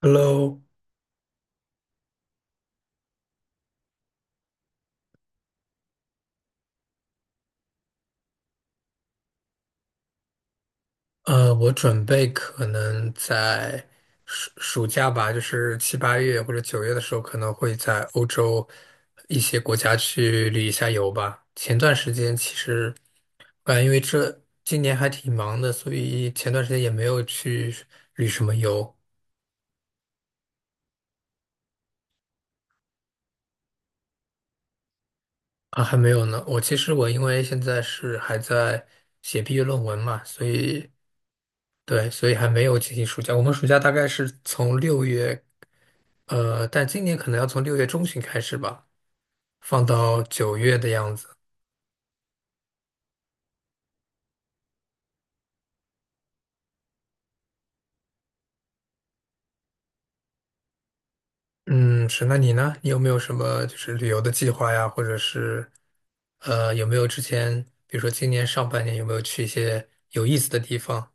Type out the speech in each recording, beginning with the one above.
Hello，我准备可能在假吧，就是七八月或者九月的时候，可能会在欧洲一些国家去旅一下游吧。前段时间其实，因为这今年还挺忙的，所以前段时间也没有去旅什么游啊，还没有呢。其实我因为现在是还在写毕业论文嘛，所以对，所以还没有进行暑假。我们暑假大概是从六月。但今年可能要从六月中旬开始吧，放到九月的样子。嗯，是，那你呢？你有没有什么就是旅游的计划呀？或者是有没有之前，比如说今年上半年有没有去一些有意思的地方？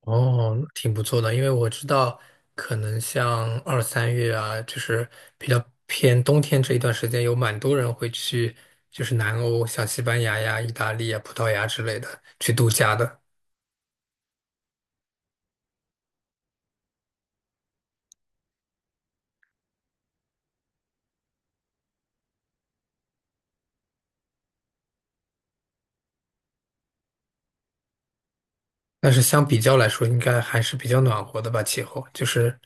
哦，挺不错的，因为我知道可能像二三月啊，就是比较偏冬天这一段时间，有蛮多人会去就是南欧，像西班牙呀、意大利啊、葡萄牙之类的去度假的。但是相比较来说，应该还是比较暖和的吧，气候。就是，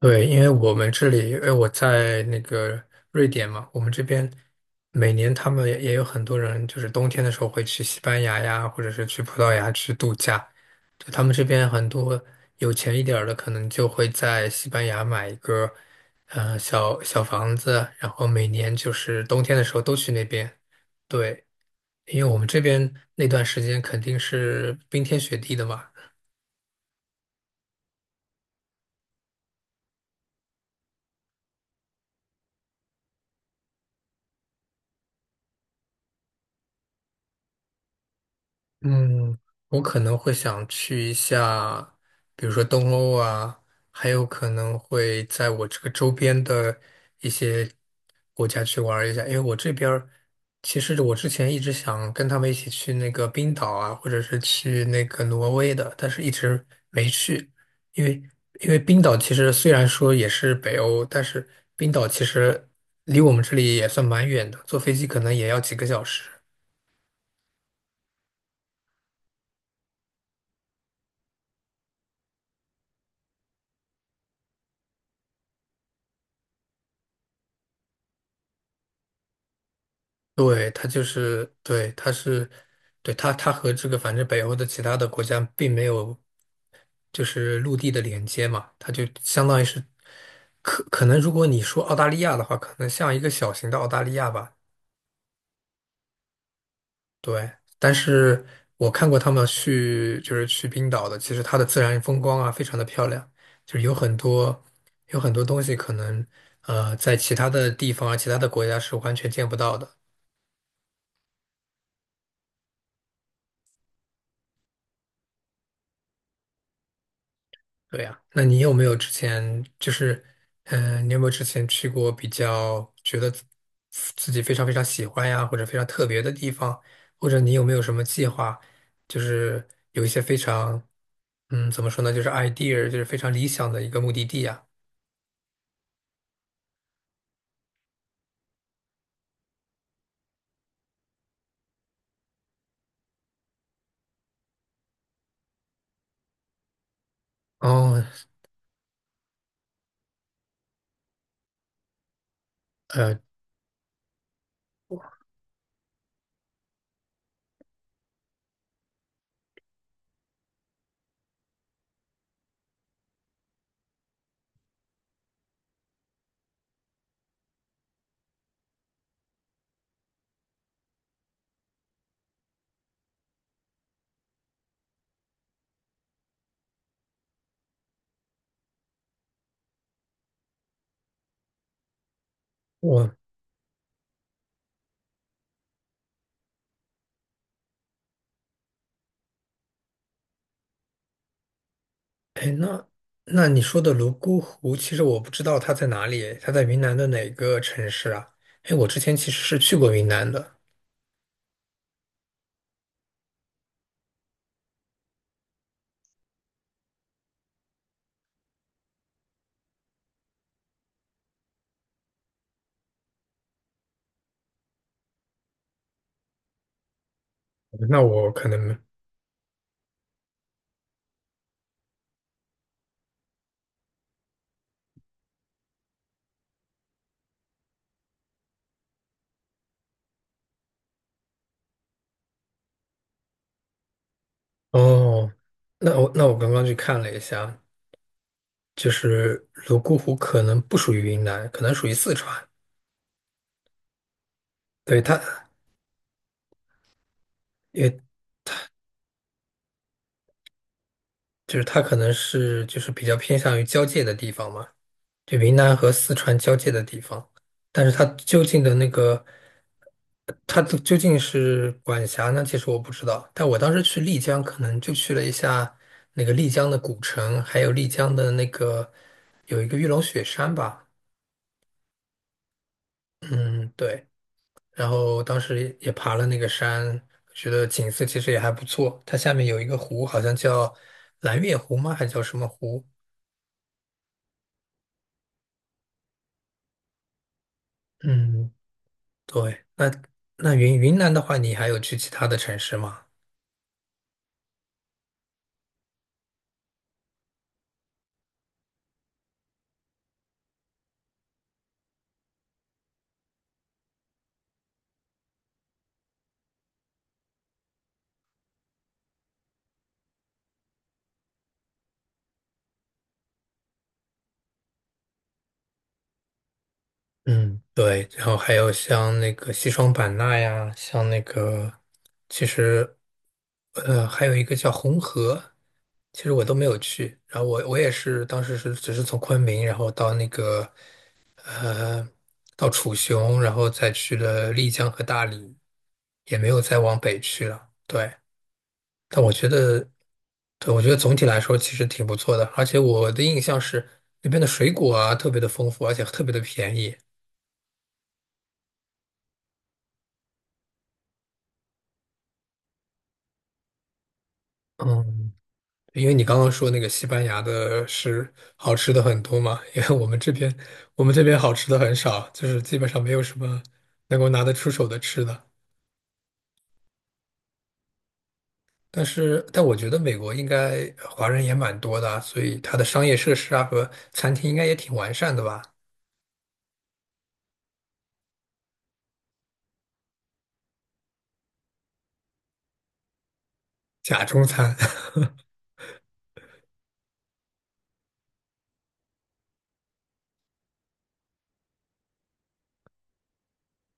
对，因为我们这里，因为我在那个瑞典嘛，我们这边每年他们也有很多人，就是冬天的时候会去西班牙呀，或者是去葡萄牙去度假。就他们这边很多有钱一点儿的，可能就会在西班牙买一个，小小房子，然后每年就是冬天的时候都去那边。对，因为我们这边那段时间肯定是冰天雪地的嘛。嗯，我可能会想去一下，比如说东欧啊，还有可能会在我这个周边的一些国家去玩儿一下，因为我这边儿其实我之前一直想跟他们一起去那个冰岛啊，或者是去那个挪威的，但是一直没去，因为因为冰岛其实虽然说也是北欧，但是冰岛其实离我们这里也算蛮远的，坐飞机可能也要几个小时。对，它就是，对，它是，对，它和这个反正北欧的其他的国家并没有就是陆地的连接嘛，它就相当于是能如果你说澳大利亚的话，可能像一个小型的澳大利亚吧，对。但是我看过他们去就是去冰岛的，其实它的自然风光啊非常的漂亮，就是有很多东西可能在其他的地方啊其他的国家是完全见不到的。对呀，那你有没有之前就是，嗯、你有没有之前去过比较觉得己非常非常喜欢呀，或者非常特别的地方，或者你有没有什么计划，就是有一些非常，嗯，怎么说呢，就是 idea，就是非常理想的一个目的地呀？哦，呃，我，哎，那你说的泸沽湖，其实我不知道它在哪里，它在云南的哪个城市啊？哎，我之前其实是去过云南的，那我可能。哦，那我刚刚去看了一下，就是泸沽湖可能不属于云南，可能属于四川。对，它，也就是它可能是就是比较偏向于交界的地方嘛，就云南和四川交界的地方。但是它究竟的那个，它的究竟是管辖呢？其实我不知道。但我当时去丽江，可能就去了一下那个丽江的古城，还有丽江的那个有一个玉龙雪山吧。嗯，对。然后当时也爬了那个山，觉得景色其实也还不错。它下面有一个湖，好像叫蓝月湖吗？还叫什么湖？嗯，对。那南的话，你还有去其他的城市吗？嗯，对，然后还有像那个西双版纳呀，像那个，其实，还有一个叫红河，其实我都没有去。然后我也是当时是只是从昆明，然后到那个，呃，到楚雄，然后再去了丽江和大理，也没有再往北去了。对，但我觉得，对，我觉得总体来说其实挺不错的，而且我的印象是那边的水果啊特别的丰富，而且特别的便宜。嗯。因为你刚刚说那个西班牙的是好吃的很多嘛，因为我们这边好吃的很少，就是基本上没有什么能够拿得出手的吃的。但是，但我觉得美国应该华人也蛮多的啊所以它的商业设施啊和餐厅应该也挺完善的吧？假中餐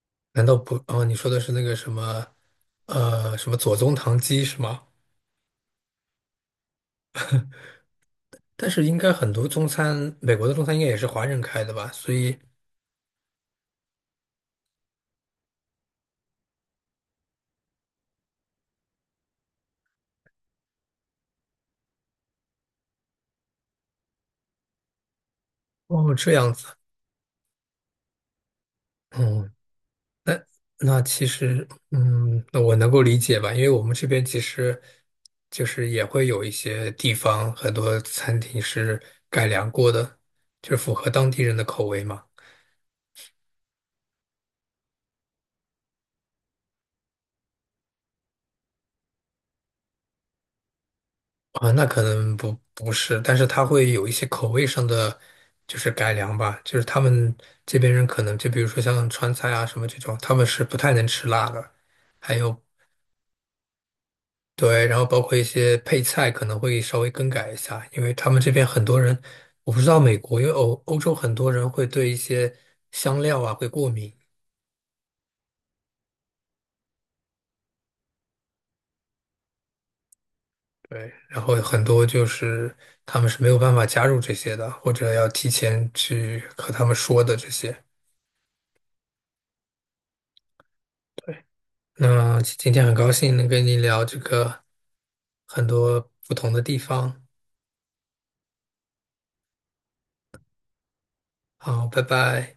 难道不？哦，你说的是那个什么，什么左宗棠鸡是吗？但是应该很多中餐，美国的中餐应该也是华人开的吧？所以，哦，这样子。嗯。那其实，嗯，那我能够理解吧，因为我们这边其实就是也会有一些地方，很多餐厅是改良过的，就是符合当地人的口味嘛。啊，那可能不不是，但是它会有一些口味上的就是改良吧，就是他们这边人可能就比如说像川菜啊什么这种，他们是不太能吃辣的，还有对，然后包括一些配菜可能会稍微更改一下，因为他们这边很多人，我不知道美国，因为洲很多人会对一些香料啊会过敏，对，然后很多就是他们是没有办法加入这些的，或者要提前去和他们说的这些。对，那今天很高兴能跟你聊这个很多不同的地方，好，拜拜。